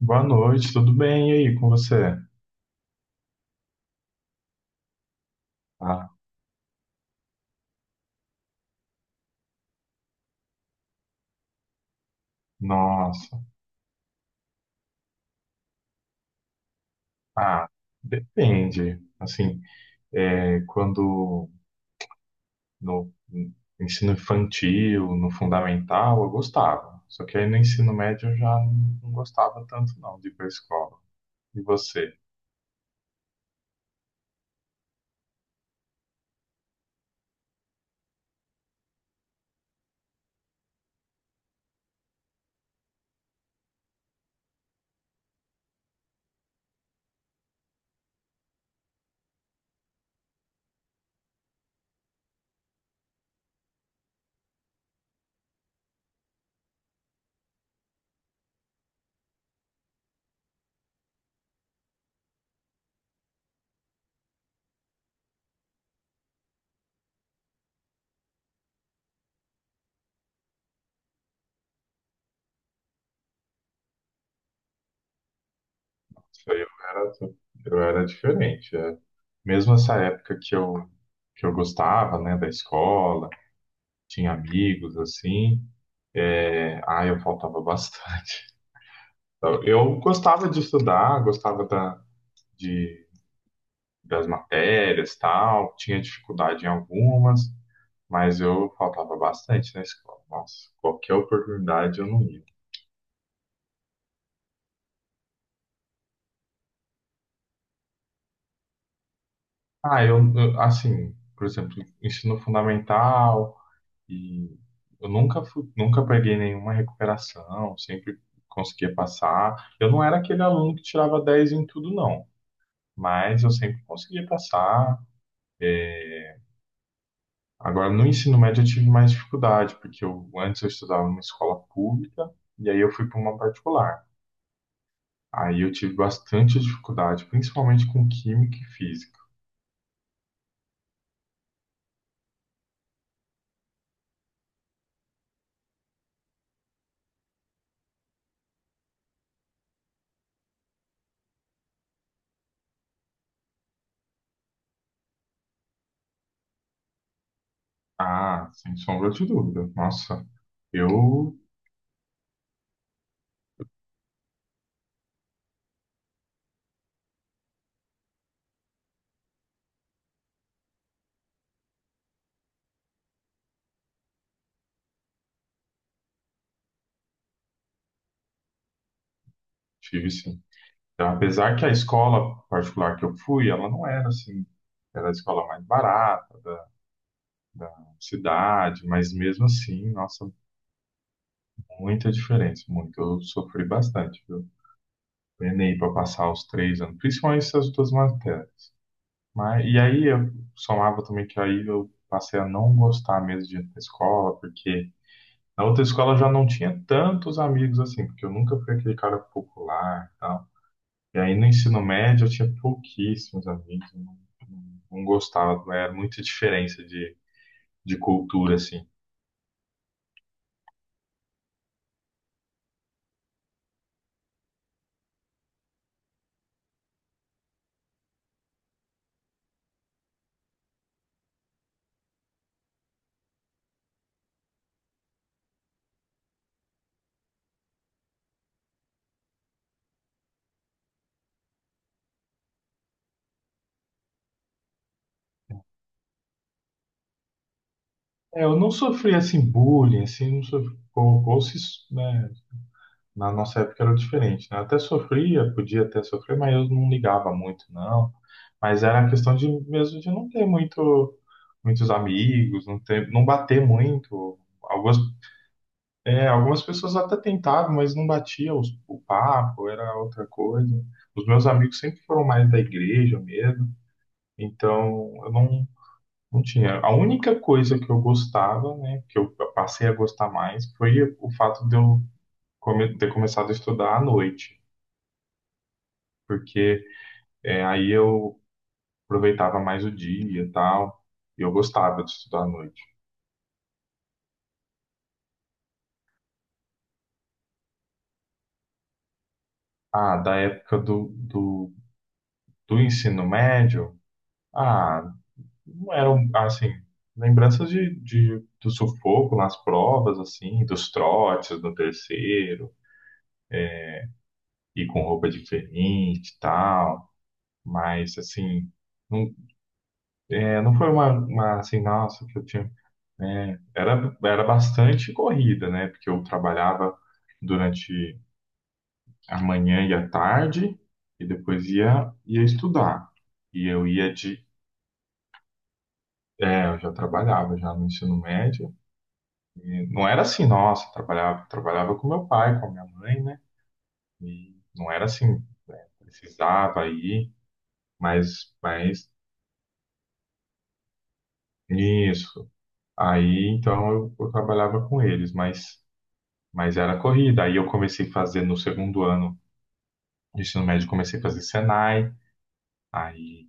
Boa noite, tudo bem? E aí, com você? Ah, nossa. Ah, depende. Assim, quando no ensino infantil, no fundamental, eu gostava. Só que aí no ensino médio eu já não gostava tanto não de ir pra escola. E você? Isso aí. Eu era diferente. É. Mesmo essa época que eu gostava, né, da escola, tinha amigos, assim, eu faltava bastante. Então, eu gostava de estudar, de, das matérias, tal, tinha dificuldade em algumas, mas eu faltava bastante na escola. Nossa, qualquer oportunidade eu não ia. Ah, eu, assim, por exemplo, ensino fundamental e eu nunca fui, nunca peguei nenhuma recuperação, sempre conseguia passar. Eu não era aquele aluno que tirava 10 em tudo, não, mas eu sempre conseguia passar. Agora, no ensino médio, eu tive mais dificuldade, porque antes eu estudava numa escola pública e aí eu fui para uma particular. Aí eu tive bastante dificuldade, principalmente com química e física. Ah, sem sombra de dúvida. Nossa, eu tive sim. Então, apesar que a escola particular que eu fui, ela não era assim, era a escola mais barata da cidade, mas mesmo assim, nossa, muita diferença, muito. Eu sofri bastante, viu? Penei para passar os 3 anos, principalmente essas duas matérias. Mas, e aí eu somava também que aí eu passei a não gostar mesmo de ir pra escola, porque na outra escola eu já não tinha tantos amigos assim, porque eu nunca fui aquele cara popular e tal. E aí no ensino médio eu tinha pouquíssimos amigos, eu não gostava, era muita diferença de cultura assim. É, eu não sofri assim bullying, assim, não sofri, ou se, né, na nossa época era diferente, né? Eu até sofria, podia até sofrer, mas eu não ligava muito, não. Mas era a questão de mesmo de não ter muitos amigos, não ter, não bater muito. Algumas, é, algumas pessoas até tentavam, mas não batia o papo, era outra coisa. Os meus amigos sempre foram mais da igreja mesmo, então eu não, não tinha. A única coisa que eu gostava, né, que eu passei a gostar mais, foi o fato de eu ter começado a estudar à noite. Porque é, aí eu aproveitava mais o dia e tal, e eu gostava de estudar à noite. Ah, da época do ensino médio, ah, não eram, assim, lembranças do sufoco nas provas, assim, dos trotes no terceiro, e com roupa diferente e tal, mas, assim, não, é, não foi uma, assim, nossa, que eu tinha, né, era bastante corrida, né, porque eu trabalhava durante amanhã ia tarde e depois ia estudar. E eu ia de. É, eu já trabalhava já no ensino médio. E não era assim, nossa, trabalhava com meu pai, com a minha mãe, né? E não era assim, precisava ir, mas isso. Aí então eu trabalhava com eles, mas era corrida. Aí eu comecei a fazer no segundo ano do ensino médio, comecei a fazer Senai. Aí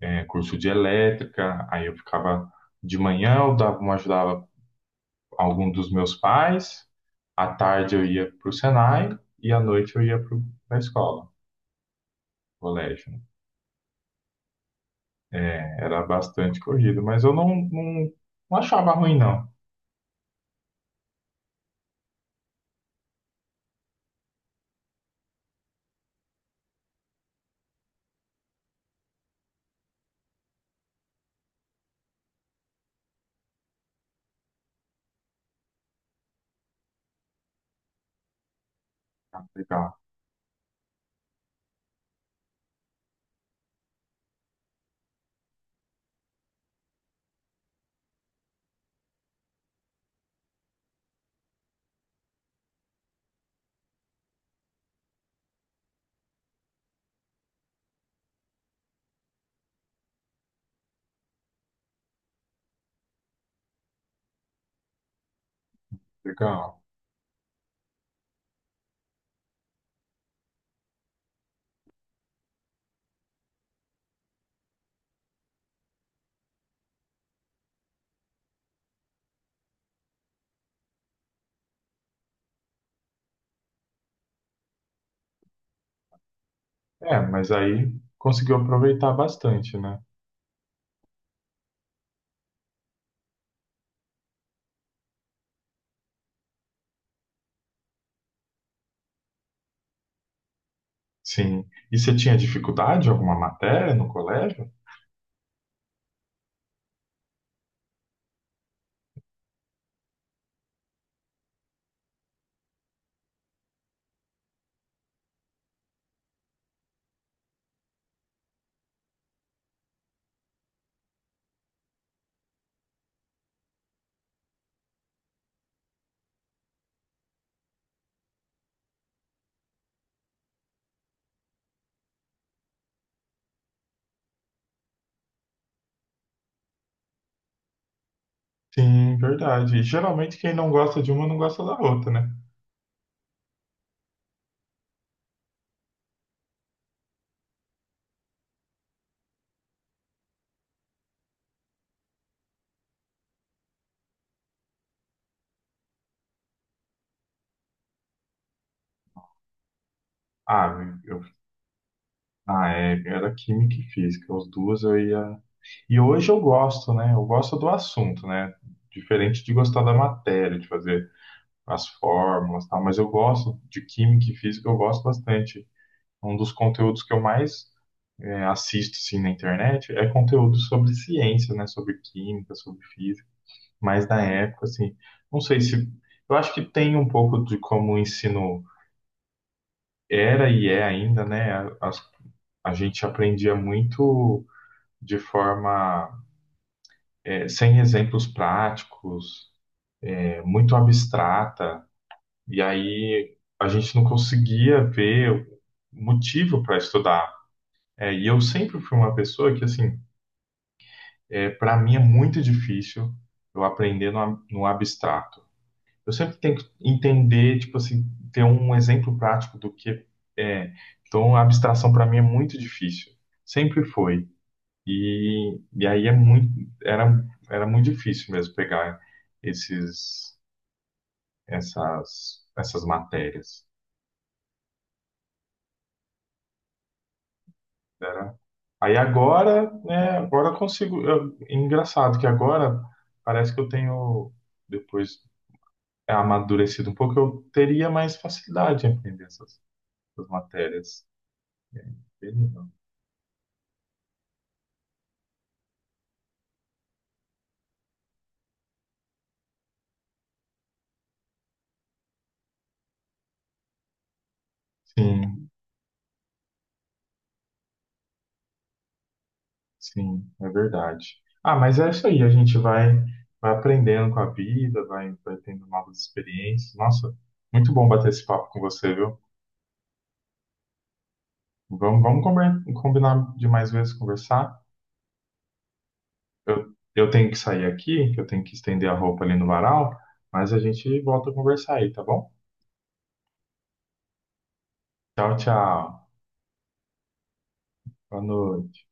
é, curso de elétrica, aí eu ficava de manhã, eu dava uma ajudava algum dos meus pais, à tarde eu ia para o Senai e à noite eu ia para a escola, colégio. Né? É, era bastante corrido, mas eu não achava ruim, não. Ah, legal, legal. É, mas aí conseguiu aproveitar bastante, né? Sim. E você tinha dificuldade em alguma matéria no colégio? Sim, verdade. E geralmente quem não gosta de uma não gosta da outra, né? Ah, eu. Ah, é, era química e física, os duas eu ia. E hoje eu gosto, né? Eu gosto do assunto, né? Diferente de gostar da matéria, de fazer as fórmulas, e tal, mas eu gosto de química e física, eu gosto bastante. Um dos conteúdos que eu mais é, assisto assim, na internet é conteúdo sobre ciência, né? Sobre química, sobre física. Mas na época, assim, não sei se. Eu acho que tem um pouco de como o ensino era e é ainda, né? As- a gente aprendia muito. De forma eh, sem exemplos práticos, eh, muito abstrata, e aí a gente não conseguia ver motivo para estudar. Eh, e eu sempre fui uma pessoa que, assim, é, para mim é muito difícil eu aprender no abstrato. Eu sempre tenho que entender, tipo assim, ter um exemplo prático do que é. Então, a abstração para mim é muito difícil. Sempre foi. E aí é muito, era, era muito difícil mesmo pegar esses, essas, essas matérias. Era, aí agora, né, agora eu consigo. Eu- é engraçado que agora parece que eu tenho, depois é, amadurecido um pouco, eu teria mais facilidade em aprender essas, essas matérias. Sim, sim, é verdade. Ah, mas é isso aí, a gente vai, vai aprendendo com a vida, vai, vai tendo novas experiências. Nossa, muito bom bater esse papo com você, viu? Vamos, vamos combinar, combinar de mais vezes conversar. Eu eu tenho que sair aqui, que eu tenho que estender a roupa ali no varal, mas a gente volta a conversar aí, tá bom? Tchau, tchau. Boa noite.